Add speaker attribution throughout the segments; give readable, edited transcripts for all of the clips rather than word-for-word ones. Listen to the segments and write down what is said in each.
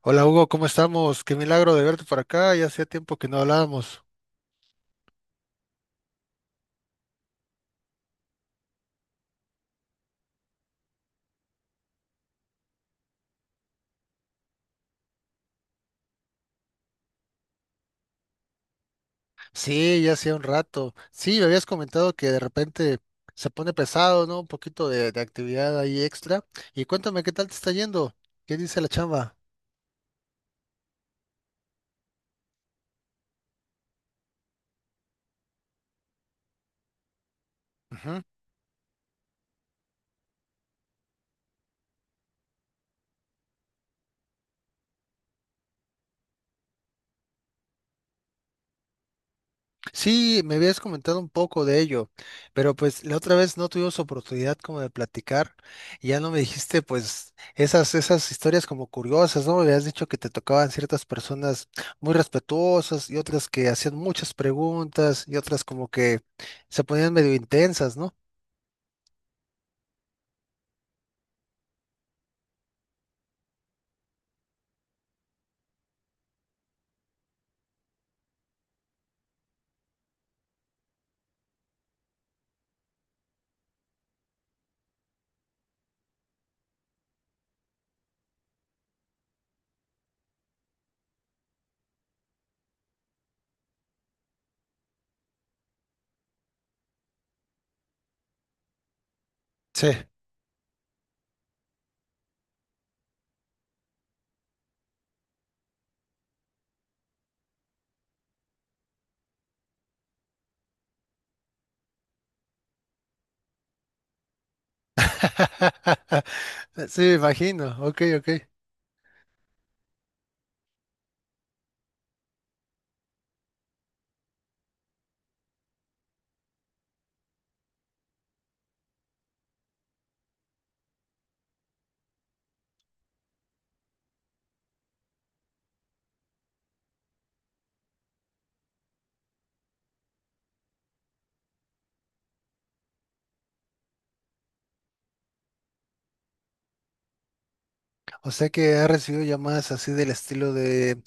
Speaker 1: Hola Hugo, ¿cómo estamos? Qué milagro de verte por acá, ya hacía tiempo que no hablábamos. Sí, ya hacía un rato. Sí, me habías comentado que de repente se pone pesado, ¿no? Un poquito de actividad ahí extra. Y cuéntame, ¿qué tal te está yendo? ¿Qué dice la chamba? Sí, me habías comentado un poco de ello, pero pues la otra vez no tuvimos oportunidad como de platicar y ya no me dijiste pues esas historias como curiosas, ¿no? Me habías dicho que te tocaban ciertas personas muy respetuosas y otras que hacían muchas preguntas y otras como que se ponían medio intensas, ¿no? Sí. Sí, me imagino. Ok, ok. O sea que ha recibido llamadas así del estilo de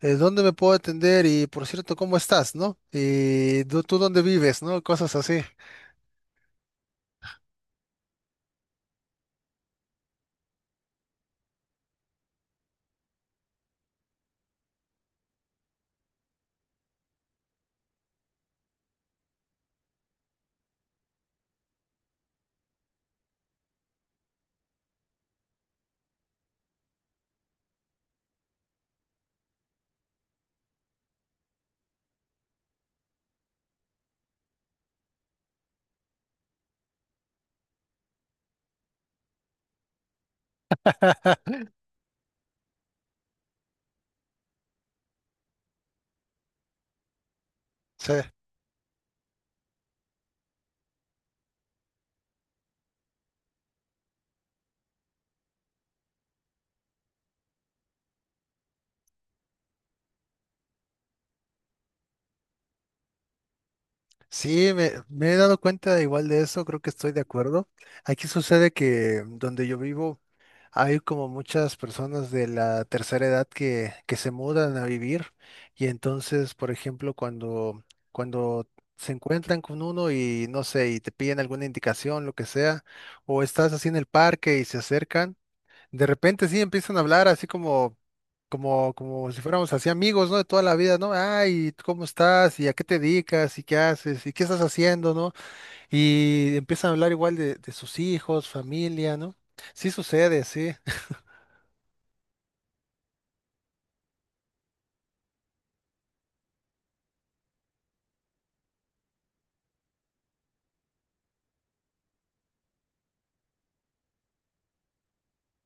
Speaker 1: ¿dónde me puedo atender? Y por cierto, ¿cómo estás? ¿No? Y tú dónde vives? ¿No? Cosas así. O sí, me he dado cuenta igual de eso, creo que estoy de acuerdo. Aquí sucede que donde yo vivo. Hay como muchas personas de la tercera edad que se mudan a vivir y entonces, por ejemplo, cuando se encuentran con uno y no sé, y te piden alguna indicación, lo que sea, o estás así en el parque y se acercan, de repente sí empiezan a hablar así como si fuéramos así amigos, ¿no? De toda la vida, ¿no? Ay, ¿tú ¿cómo estás? ¿Y a qué te dedicas? ¿Y qué haces? ¿Y qué estás haciendo? ¿No? Y empiezan a hablar igual de sus hijos, familia, ¿no? Sí sucede, sí.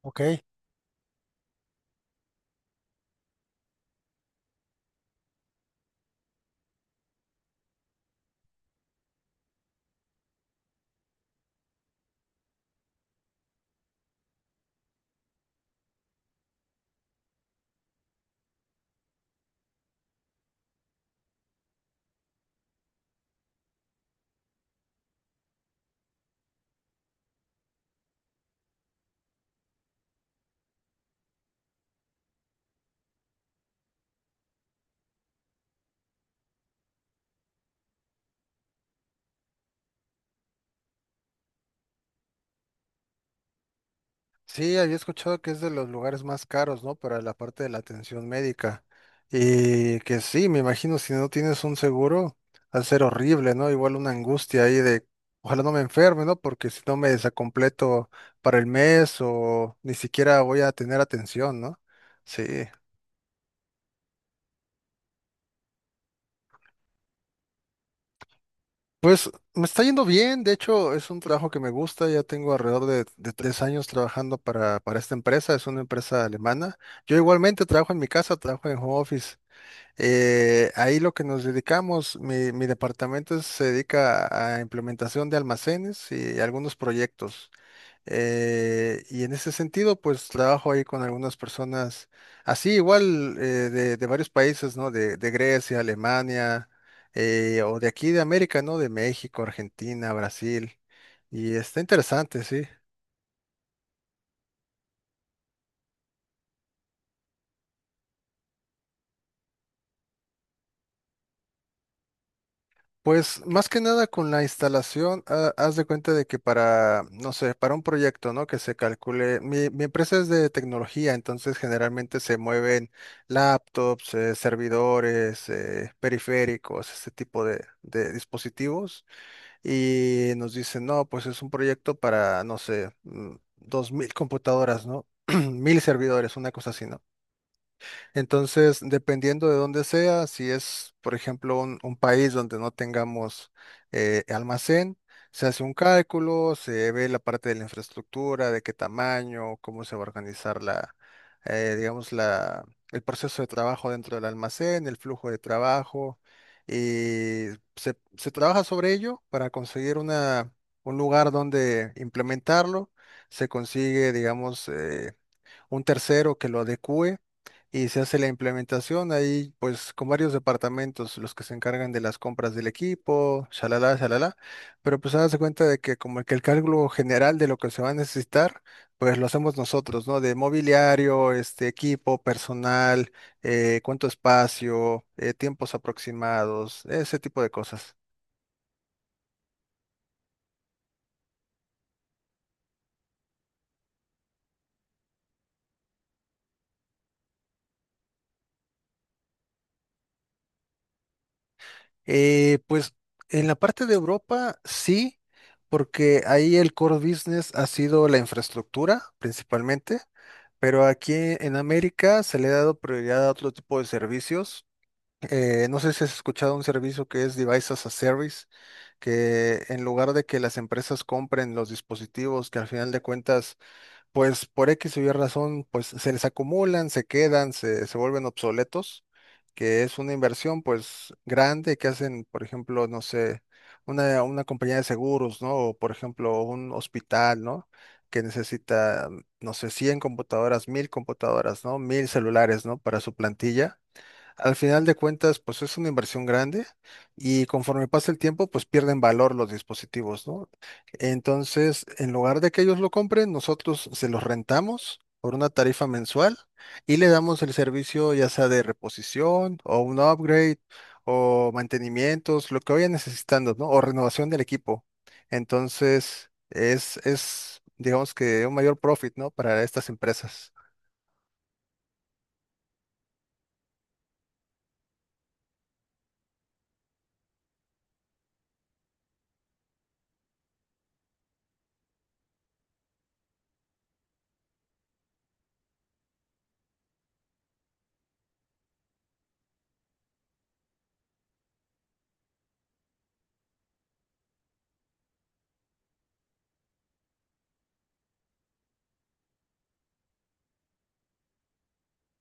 Speaker 1: Ok, sí, había escuchado que es de los lugares más caros, ¿no? Para la parte de la atención médica. Y que sí, me imagino, si no tienes un seguro, va a ser horrible, ¿no? Igual una angustia ahí de, ojalá no me enferme, ¿no? Porque si no me desacompleto para el mes o ni siquiera voy a tener atención, ¿no? Sí. Pues me está yendo bien, de hecho es un trabajo que me gusta, ya tengo alrededor de 3 años trabajando para esta empresa, es una empresa alemana. Yo igualmente trabajo en mi casa, trabajo en home office. Ahí lo que nos dedicamos, mi departamento se dedica a implementación de almacenes y algunos proyectos. Y en ese sentido, pues trabajo ahí con algunas personas, así igual de varios países, ¿no? De Grecia, Alemania, o de aquí de América, ¿no? De México, Argentina, Brasil. Y está interesante, sí. Pues más que nada con la instalación, haz de cuenta de que para, no sé, para un proyecto, ¿no? Que se calcule, mi empresa es de tecnología, entonces generalmente se mueven laptops, servidores, periféricos, este tipo de dispositivos, y nos dicen, no, pues es un proyecto para, no sé, 2000 computadoras, ¿no? 1000 servidores, una cosa así, ¿no? Entonces, dependiendo de dónde sea, si es, por ejemplo, un país donde no tengamos almacén, se hace un cálculo, se ve la parte de la infraestructura, de qué tamaño, cómo se va a organizar la, digamos, la, el proceso de trabajo dentro del almacén, el flujo de trabajo, y se trabaja sobre ello para conseguir una, un lugar donde implementarlo. Se consigue, digamos, un tercero que lo adecue y se hace la implementación ahí, pues con varios departamentos, los que se encargan de las compras del equipo, shalala, shalala, pero pues se cuenta de que como que el cálculo general de lo que se va a necesitar, pues lo hacemos nosotros, ¿no? De mobiliario, este equipo, personal, cuánto espacio, tiempos aproximados, ese tipo de cosas. Pues en la parte de Europa sí, porque ahí el core business ha sido la infraestructura principalmente, pero aquí en América se le ha dado prioridad a otro tipo de servicios. No sé si has escuchado un servicio que es Device as a Service, que en lugar de que las empresas compren los dispositivos que al final de cuentas pues por X o Y razón, pues se les acumulan, se quedan, se vuelven obsoletos, que es una inversión pues grande que hacen, por ejemplo, no sé, una compañía de seguros, ¿no? O por ejemplo, un hospital, ¿no? Que necesita, no sé, 100 computadoras, 1000 computadoras, ¿no? 1000 celulares, ¿no? Para su plantilla. Al final de cuentas, pues es una inversión grande y conforme pasa el tiempo, pues pierden valor los dispositivos, ¿no? Entonces, en lugar de que ellos lo compren, nosotros se los rentamos por una tarifa mensual y le damos el servicio ya sea de reposición o un upgrade o mantenimientos, lo que vayan necesitando, ¿no? O renovación del equipo. Entonces, digamos que un mayor profit, ¿no? Para estas empresas.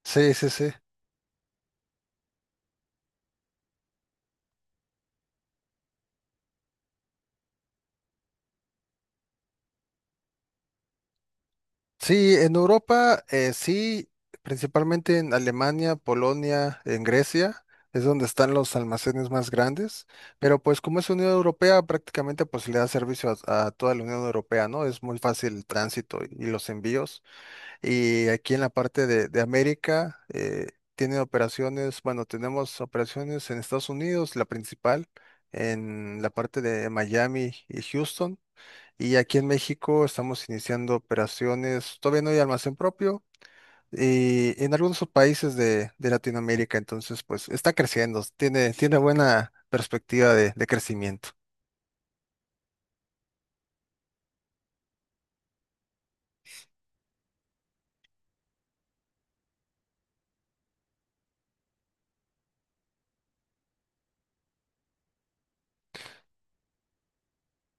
Speaker 1: Sí, sí, sí. Sí, en Europa, sí, principalmente en Alemania, Polonia, en Grecia, es donde están los almacenes más grandes, pero pues como es Unión Europea, prácticamente pues le da servicio a toda la Unión Europea, ¿no? Es muy fácil el tránsito y los envíos. Y aquí en la parte de América, tiene operaciones, bueno, tenemos operaciones en Estados Unidos, la principal, en la parte de Miami y Houston. Y aquí en México estamos iniciando operaciones, todavía no hay almacén propio, y en algunos países de Latinoamérica, entonces pues está creciendo, tiene, tiene buena perspectiva de crecimiento.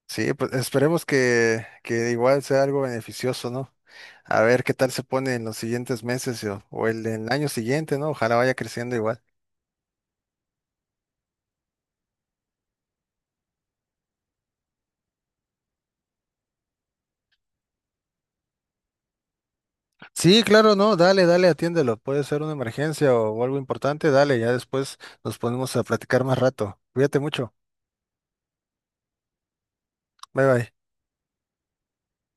Speaker 1: Sí, pues esperemos que igual sea algo beneficioso, ¿no? A ver qué tal se pone en los siguientes meses o el año siguiente, ¿no? Ojalá vaya creciendo igual. Sí, claro, no, dale, atiéndelo. Puede ser una emergencia o algo importante, dale, ya después nos ponemos a platicar más rato. Cuídate mucho. Bye bye.